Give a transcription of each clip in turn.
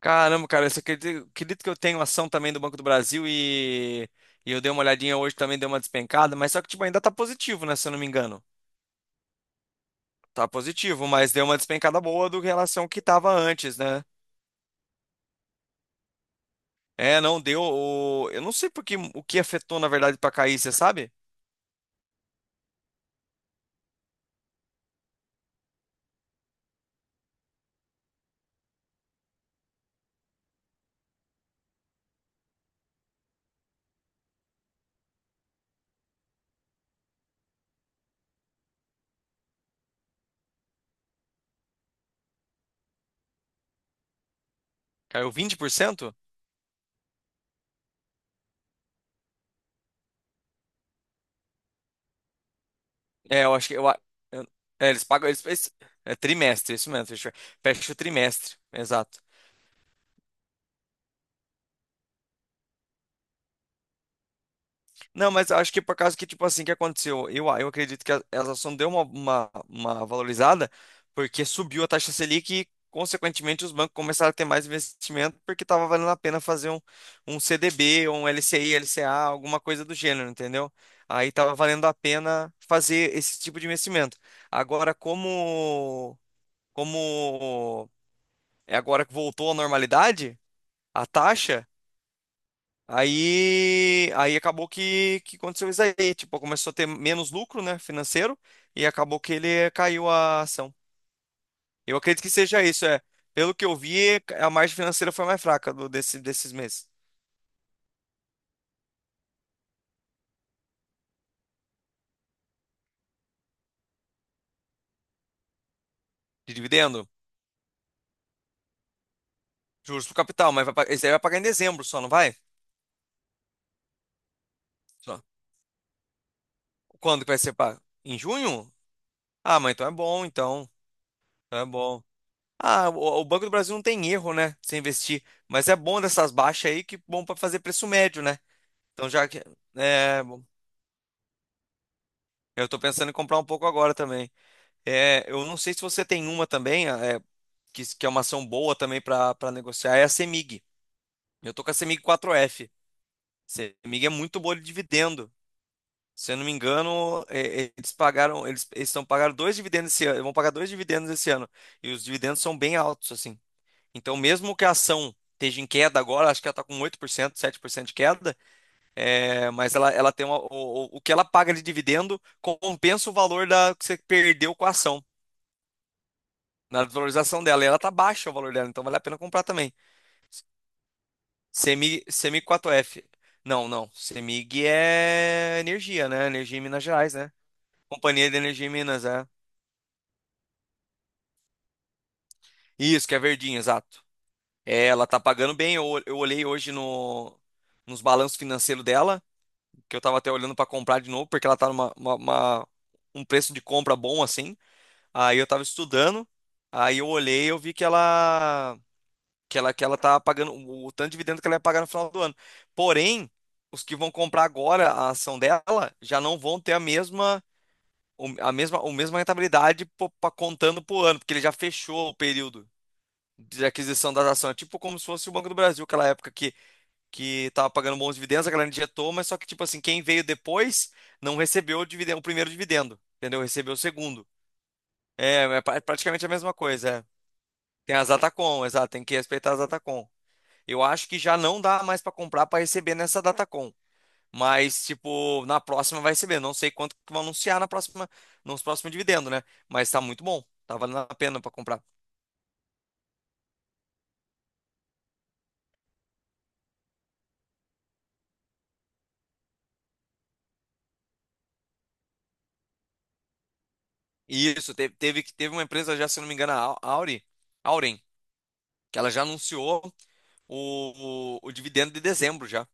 Caramba, cara, eu só acredito que eu tenho ação também do Banco do Brasil e eu dei uma olhadinha hoje também, deu uma despencada, mas só que tipo, ainda tá positivo, né? Se eu não me engano. Tá positivo, mas deu uma despencada boa do que relação ao que tava antes, né? É, não deu. Eu não sei por que, o que afetou, na verdade, pra cair, você sabe? Caiu 20%. É, eu acho que. Eu, a- eu- é, Eles pagam. É trimestre, isso mesmo. Fecha o trimestre, exato. Não, mas eu acho que por causa que, tipo assim, que aconteceu? Eu acredito que a, ela só não deu uma valorizada porque subiu a taxa Selic e, consequentemente, os bancos começaram a ter mais investimento porque estava valendo a pena fazer um CDB, ou um LCI, LCA, alguma coisa do gênero, entendeu? Aí estava valendo a pena fazer esse tipo de investimento. Agora, como é agora que voltou à normalidade, a taxa. Aí acabou que aconteceu isso aí. Tipo, começou a ter menos lucro, né, financeiro, e acabou que ele caiu a ação. Eu acredito que seja isso, é. Pelo que eu vi, a margem financeira foi mais fraca do, desse, desses meses. De dividendo, juros pro capital, mas vai, esse aí vai pagar em dezembro só, não vai? Só. Quando que vai ser pago? Em junho? Ah, mas então é bom, então. Então é bom. Ah, o Banco do Brasil não tem erro, né, se investir. Mas é bom dessas baixas aí, que bom para fazer preço médio, né? Então já que... É, eu tô pensando em comprar um pouco agora também. É, eu não sei se você tem uma também, é, que é uma ação boa também para negociar, é a CEMIG. Eu tô com a CEMIG 4F. CEMIG é muito boa de dividendo. Se eu não me engano, é, eles estão pagando dois dividendos esse ano, vão pagar dois dividendos esse ano. E os dividendos são bem altos, assim. Então, mesmo que a ação esteja em queda agora, acho que ela está com 8%, 7% de queda, é, mas ela tem uma, o que ela paga de dividendo compensa o valor que você perdeu com a ação na valorização dela. E ela tá baixa o valor dela, então vale a pena comprar também. CEMIG 4F. Não, não. Semig é energia, né? Energia em Minas Gerais, né? Companhia de Energia em Minas, é. Isso, que é verdinho, exato. É, ela tá pagando bem. Eu olhei hoje no, nos balanços financeiros dela, que eu tava até olhando pra comprar de novo, porque ela tá numa, um preço de compra bom assim. Aí eu tava estudando, aí eu olhei, eu vi que ela tá pagando, o tanto de dividendo que ela ia pagar no final do ano. Porém, os que vão comprar agora a ação dela já não vão ter a mesma, a mesma rentabilidade contando por ano, porque ele já fechou o período de aquisição das ações. É tipo como se fosse o Banco do Brasil, aquela época que tava pagando bons dividendos, a galera injetou, mas só que, tipo assim, quem veio depois não recebeu o dividendo, o primeiro dividendo, entendeu? Recebeu o segundo. É praticamente a mesma coisa, é. Tem as Atacom, exato, tem que respeitar as Atacom. Eu acho que já não dá mais para comprar para receber nessa Datacom. Mas, tipo, na próxima vai receber. Não sei quanto que vão anunciar na próxima, nos próximos dividendos, né? Mas tá muito bom. Tá valendo a pena para comprar. E isso, teve uma empresa já, se eu não me engano, a Auren, que ela já anunciou o dividendo de dezembro já.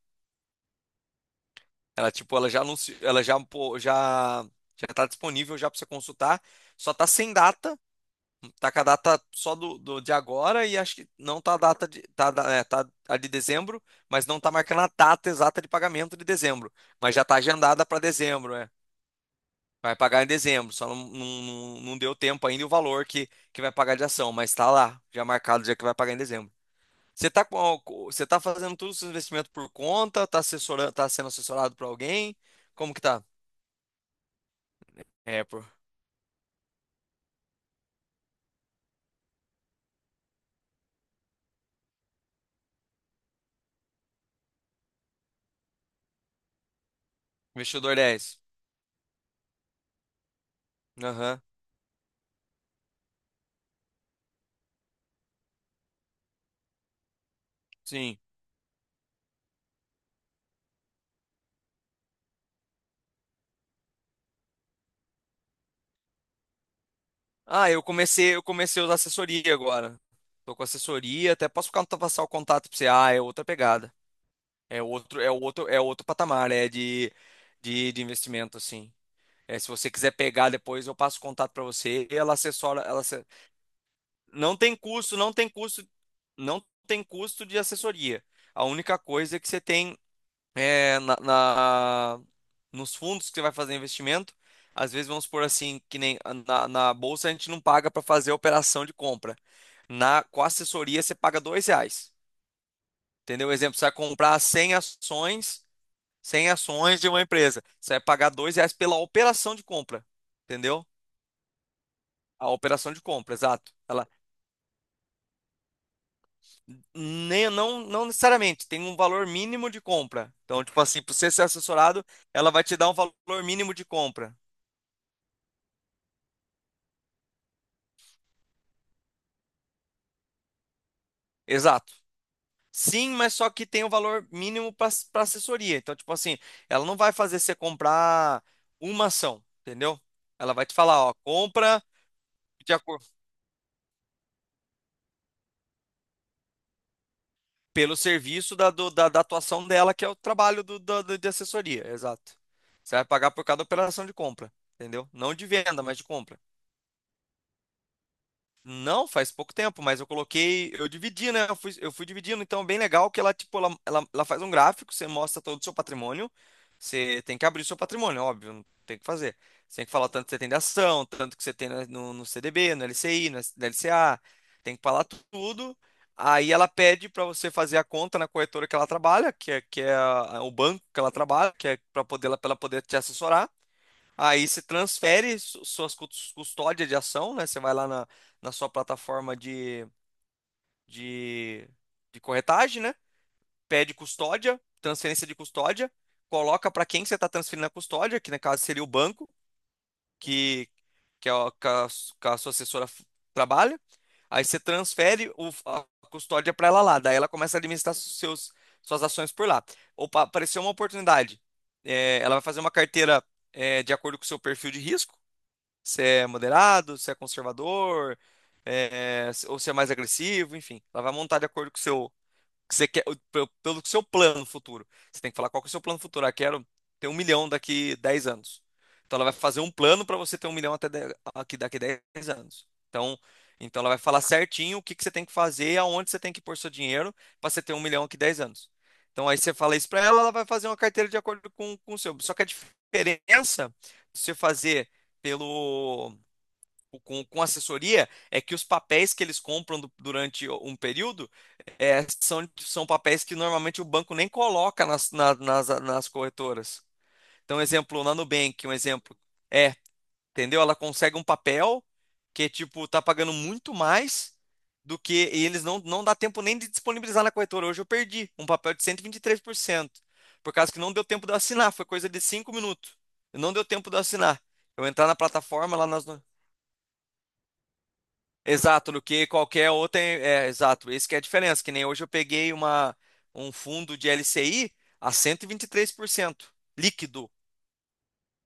Ela, tipo, ela já anunciou, ela já, pô, já tá disponível já para você consultar. Só tá sem data. Tá com a data só de agora e acho que não tá a data de, tá a de dezembro, mas não tá marcando a data exata de pagamento de dezembro. Mas já tá agendada para dezembro, é. Vai pagar em dezembro, só não deu tempo ainda o valor que vai pagar de ação, mas tá lá, já marcado já que vai pagar em dezembro. Você tá com, você tá fazendo todos os seus investimentos por conta, tá assessorando, tá sendo assessorado por alguém? Como que tá? É, por Investidor 10. Aham, sim. Ah, eu comecei a usar assessoria agora. Tô com assessoria, até posso passar o contato pra você. Ah, é outra pegada. É outro patamar, é de investimento, assim. É, se você quiser pegar depois, eu passo o contato pra você e ela assessora, não tem custo, não tem custo de assessoria. A única coisa é que você tem é nos fundos que você vai fazer investimento, às vezes vamos supor assim, que nem na bolsa a gente não paga para fazer a operação de compra. Na, com a assessoria, você paga R$ 2. Entendeu? Um exemplo, você vai comprar 100 ações, de uma empresa. Você vai pagar R$ 2 pela operação de compra. Entendeu? A operação de compra, exato. Ela nem, não, não necessariamente tem um valor mínimo de compra. Então, tipo assim, para você ser assessorado, ela vai te dar um valor mínimo de compra. Exato. Sim, mas só que tem um valor mínimo para assessoria. Então, tipo assim, ela não vai fazer você comprar uma ação, entendeu? Ela vai te falar, ó, compra de acordo, pelo serviço da atuação dela, que é o trabalho de assessoria, exato. Você vai pagar por cada operação de compra, entendeu? Não de venda, mas de compra. Não, faz pouco tempo, mas eu coloquei, eu dividi, né? Eu fui dividindo, então é bem legal que ela, tipo, ela faz um gráfico, você mostra todo o seu patrimônio. Você tem que abrir o seu patrimônio, óbvio, não tem o que fazer. Você tem que falar o tanto que você tem de ação, tanto que você tem no CDB, no LCI, no LCA, tem que falar tudo. Aí ela pede para você fazer a conta na corretora que ela trabalha, o banco que ela trabalha, que é para poder, para ela poder te assessorar. Aí você transfere suas custódia de ação, né? Você vai lá na, na sua plataforma de, de corretagem, né? Pede custódia, transferência de custódia, coloca para quem você está transferindo a custódia, que no caso seria o banco, que, que, é o- que a, su- que a sua trabalha. Aí você transfere a custódia para ela lá, daí ela começa a administrar suas ações por lá. Opa, apareceu uma oportunidade. É, ela vai fazer uma carteira, é, de acordo com o seu perfil de risco, se é moderado, se é conservador, é, ou se é mais agressivo, enfim. Ela vai montar de acordo com o seu, que você quer, pelo seu plano futuro. Você tem que falar qual que é o seu plano futuro. Ah, quero ter 1 milhão daqui 10 anos. Então ela vai fazer um plano para você ter 1 milhão daqui 10 anos. Então, então ela vai falar certinho o que, que você tem que fazer e aonde você tem que pôr seu dinheiro para você ter 1 milhão aqui 10 anos. Então aí você fala isso para ela, ela vai fazer uma carteira de acordo com o seu. Só que a diferença de você fazer pelo com assessoria é que os papéis que eles compram durante um período é, são papéis que normalmente o banco nem coloca nas corretoras. Então, exemplo, na Nubank, um exemplo. É, entendeu? Ela consegue um papel que, tipo, tá pagando muito mais do que e eles não dá tempo nem de disponibilizar na corretora. Hoje eu perdi um papel de cento e vinte e três por cento por causa que não deu tempo de eu assinar, foi coisa de 5 minutos. Não deu tempo de eu assinar. Eu entrar na plataforma lá nas. Exato, do que qualquer outra. É, exato, esse que é a diferença. Que nem hoje eu peguei uma, um fundo de LCI a cento e vinte e três por cento líquido,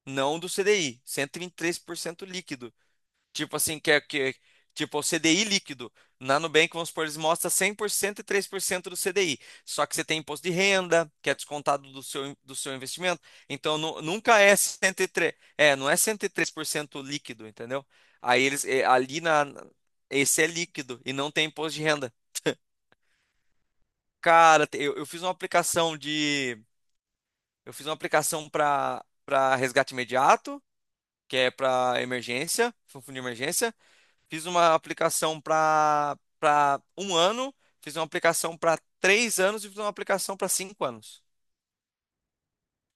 não do C D I, cento e vinte e três por cento líquido. Tipo assim, que é que, tipo o CDI líquido. Na Nubank, vamos supor, eles mostram 100% e 3% do CDI. Só que você tem imposto de renda, que é descontado do seu investimento. Então, nunca é 103 é, não é 103% líquido, entendeu? Aí eles, é, ali na, esse é líquido e não tem imposto de renda. Cara, eu fiz uma aplicação eu fiz uma aplicação para resgate imediato, que é para emergência, fundo de emergência. Fiz uma aplicação para um ano, fiz uma aplicação para 3 anos e fiz uma aplicação para 5 anos.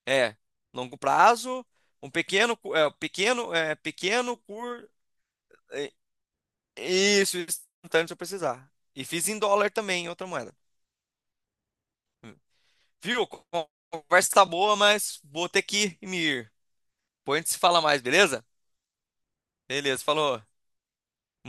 É, longo prazo, um pequeno, cu- é, pequeno cur, é, isso, instantâneo se eu precisar. E fiz em dólar também, em outra moeda. Viu? Conversa tá boa, mas vou ter que me ir. Depois a gente se fala mais, beleza? Beleza, falou.